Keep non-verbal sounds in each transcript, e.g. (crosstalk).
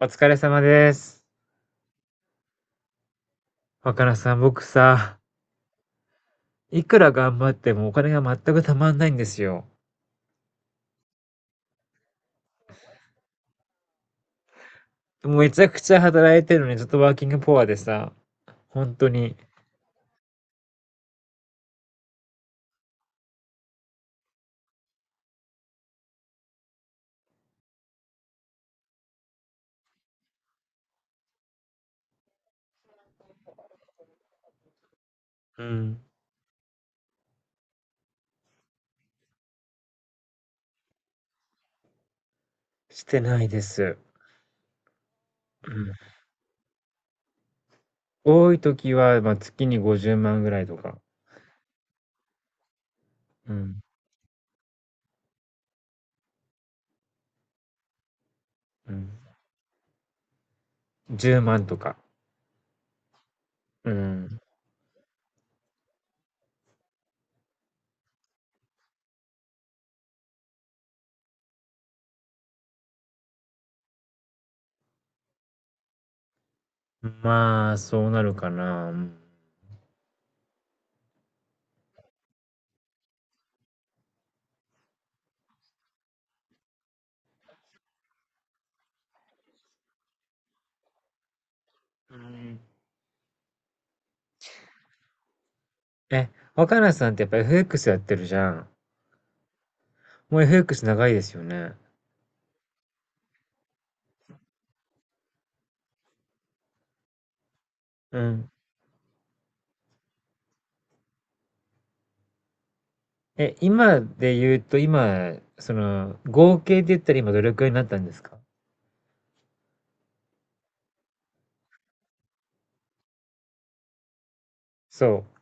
お疲れ様です。若菜さん、僕さ、いくら頑張ってもお金が全くたまんないんですよ。もうめちゃくちゃ働いてるのに、ちょっとワーキングポアでさ、本当に、うん、してないです。うん、多い時は、まあ、月に50万ぐらいとか、うん、うん、10万とか、うん、まあ、そうなるかな。うんうん。え、若菜さんってやっぱ FX やってるじゃん。もう FX 長いですよね。うん。え、今で言うと、今、合計で言ったら今どれくらいになったんですか？そう。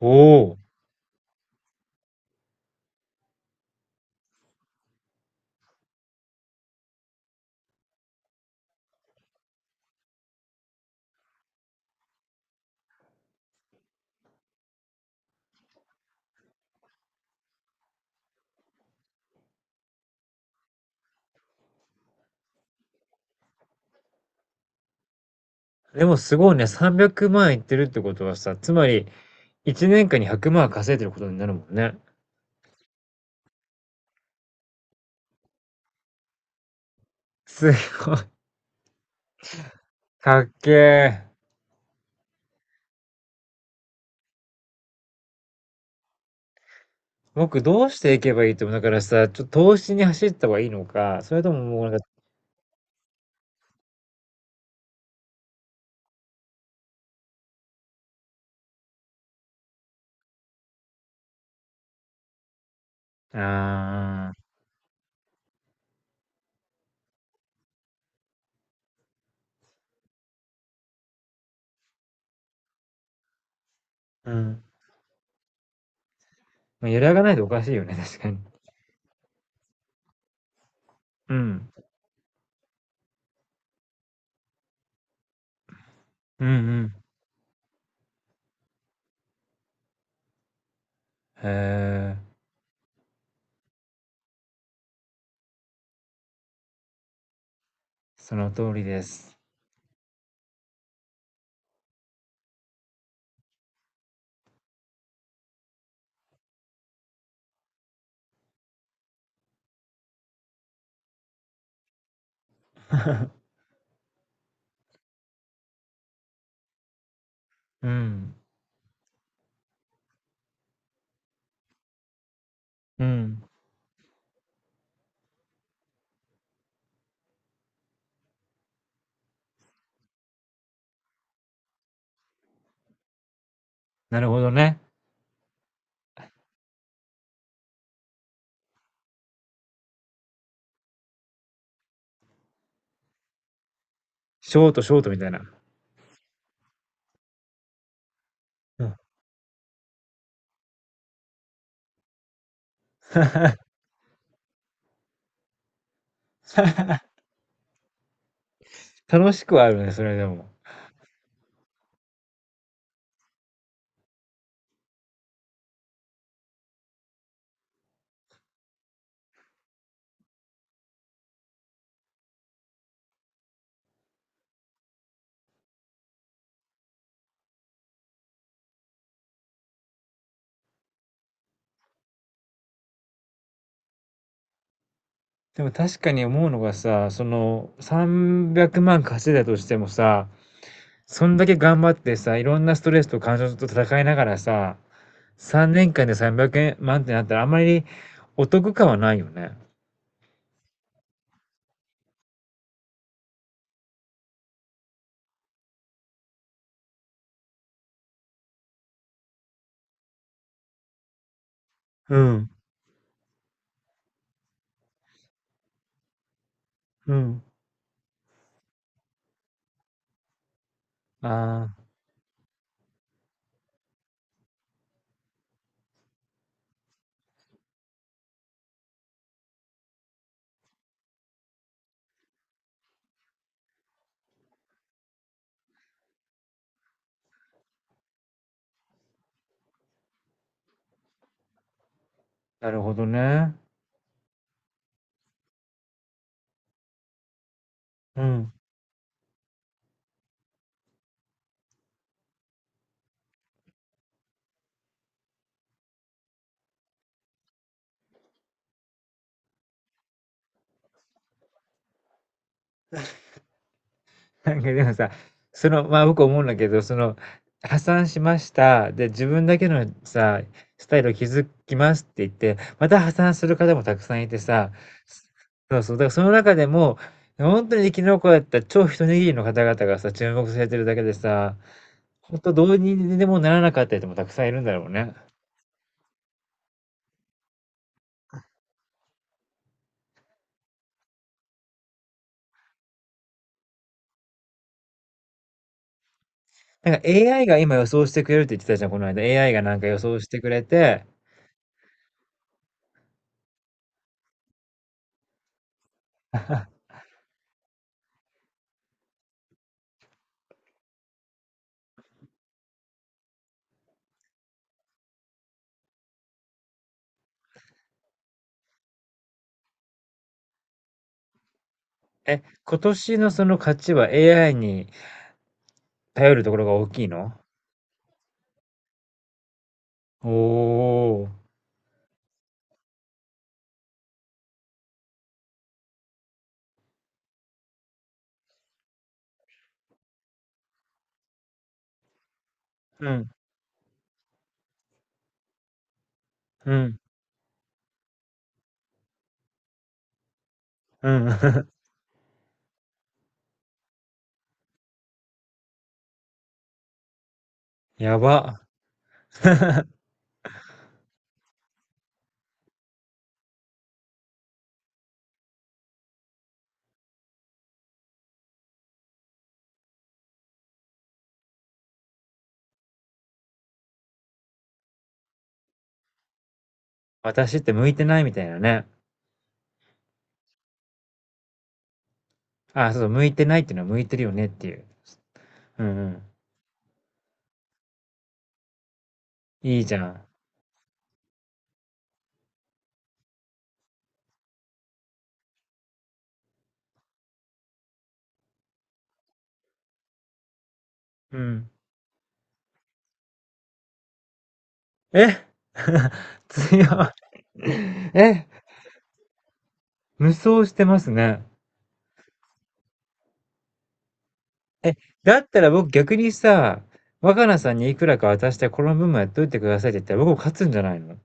おお。でもすごいね、300万いってるってことはさ、つまり、1年間に100万稼いでることになるもんね。すごい。かっけえ。僕どうしていけばいいと思う？だからさ、ちょっと投資に走った方がいいのか、それとももうなんか、ああ、うん。まあ、揺らがないとおかしいよね、確かに。うん。うんうん。へえ、その通りです。うん。うん。なるほどね。ショートショートみたいな。うん。 (laughs) 楽しくはあるね、それでも。でも確かに思うのがさ、その300万稼いだとしてもさ、そんだけ頑張ってさ、いろんなストレスと感情と戦いながらさ、3年間で300万ってなったらあまりお得感はないよね。うん。うん。ああ、なるほどね。うん。(laughs) なんかでもさ、まあ僕思うんだけど、破産しました。で、自分だけのさ、スタイルを築きますって言って、また破産する方もたくさんいてさ、そうそう、だからその中でも、本当に生き残った超一握りの方々がさ、注目されてるだけでさ、本当どうにでもならなかった人もたくさんいるんだろうね。なんか AI が今予想してくれるって言ってたじゃん、この間。AI がなんか予想してくれて、え、今年のその価値は AI に頼るところが大きいの？おお。うん、うん、うん。(laughs) やば。私って向いてないみたいなね。あ、そう、向いてないっていうのは向いてるよねっていう。うんうん。いいじゃん。うん。え。 (laughs) 強い。え、無双してますね。え、だったら僕逆にさ、若菜さんにいくらか渡してこの分もやっといてくださいって言ったら僕も勝つんじゃないの？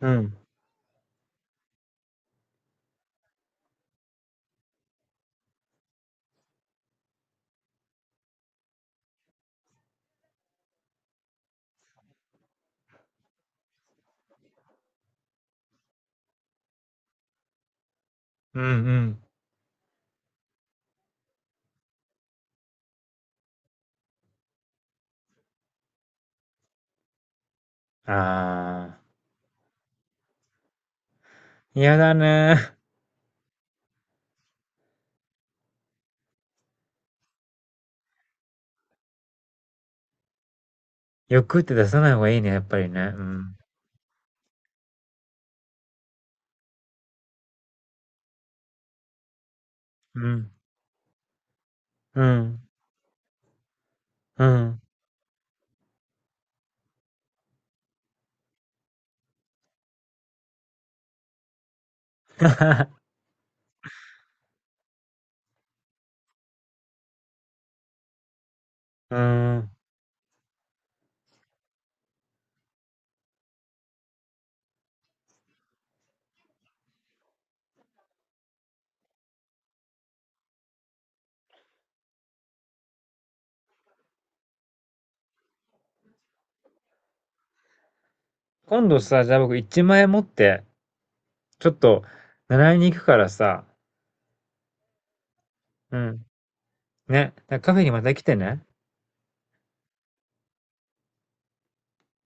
うん。うんうん。ああ。嫌だね。欲って出さない方がいいね、やっぱりね。うん。うん。うん、うん。(laughs) うーん。今度さ、じゃあ僕1万円持って、ちょっと習いに行くからさ、うん、ね、カフェにまた来てね。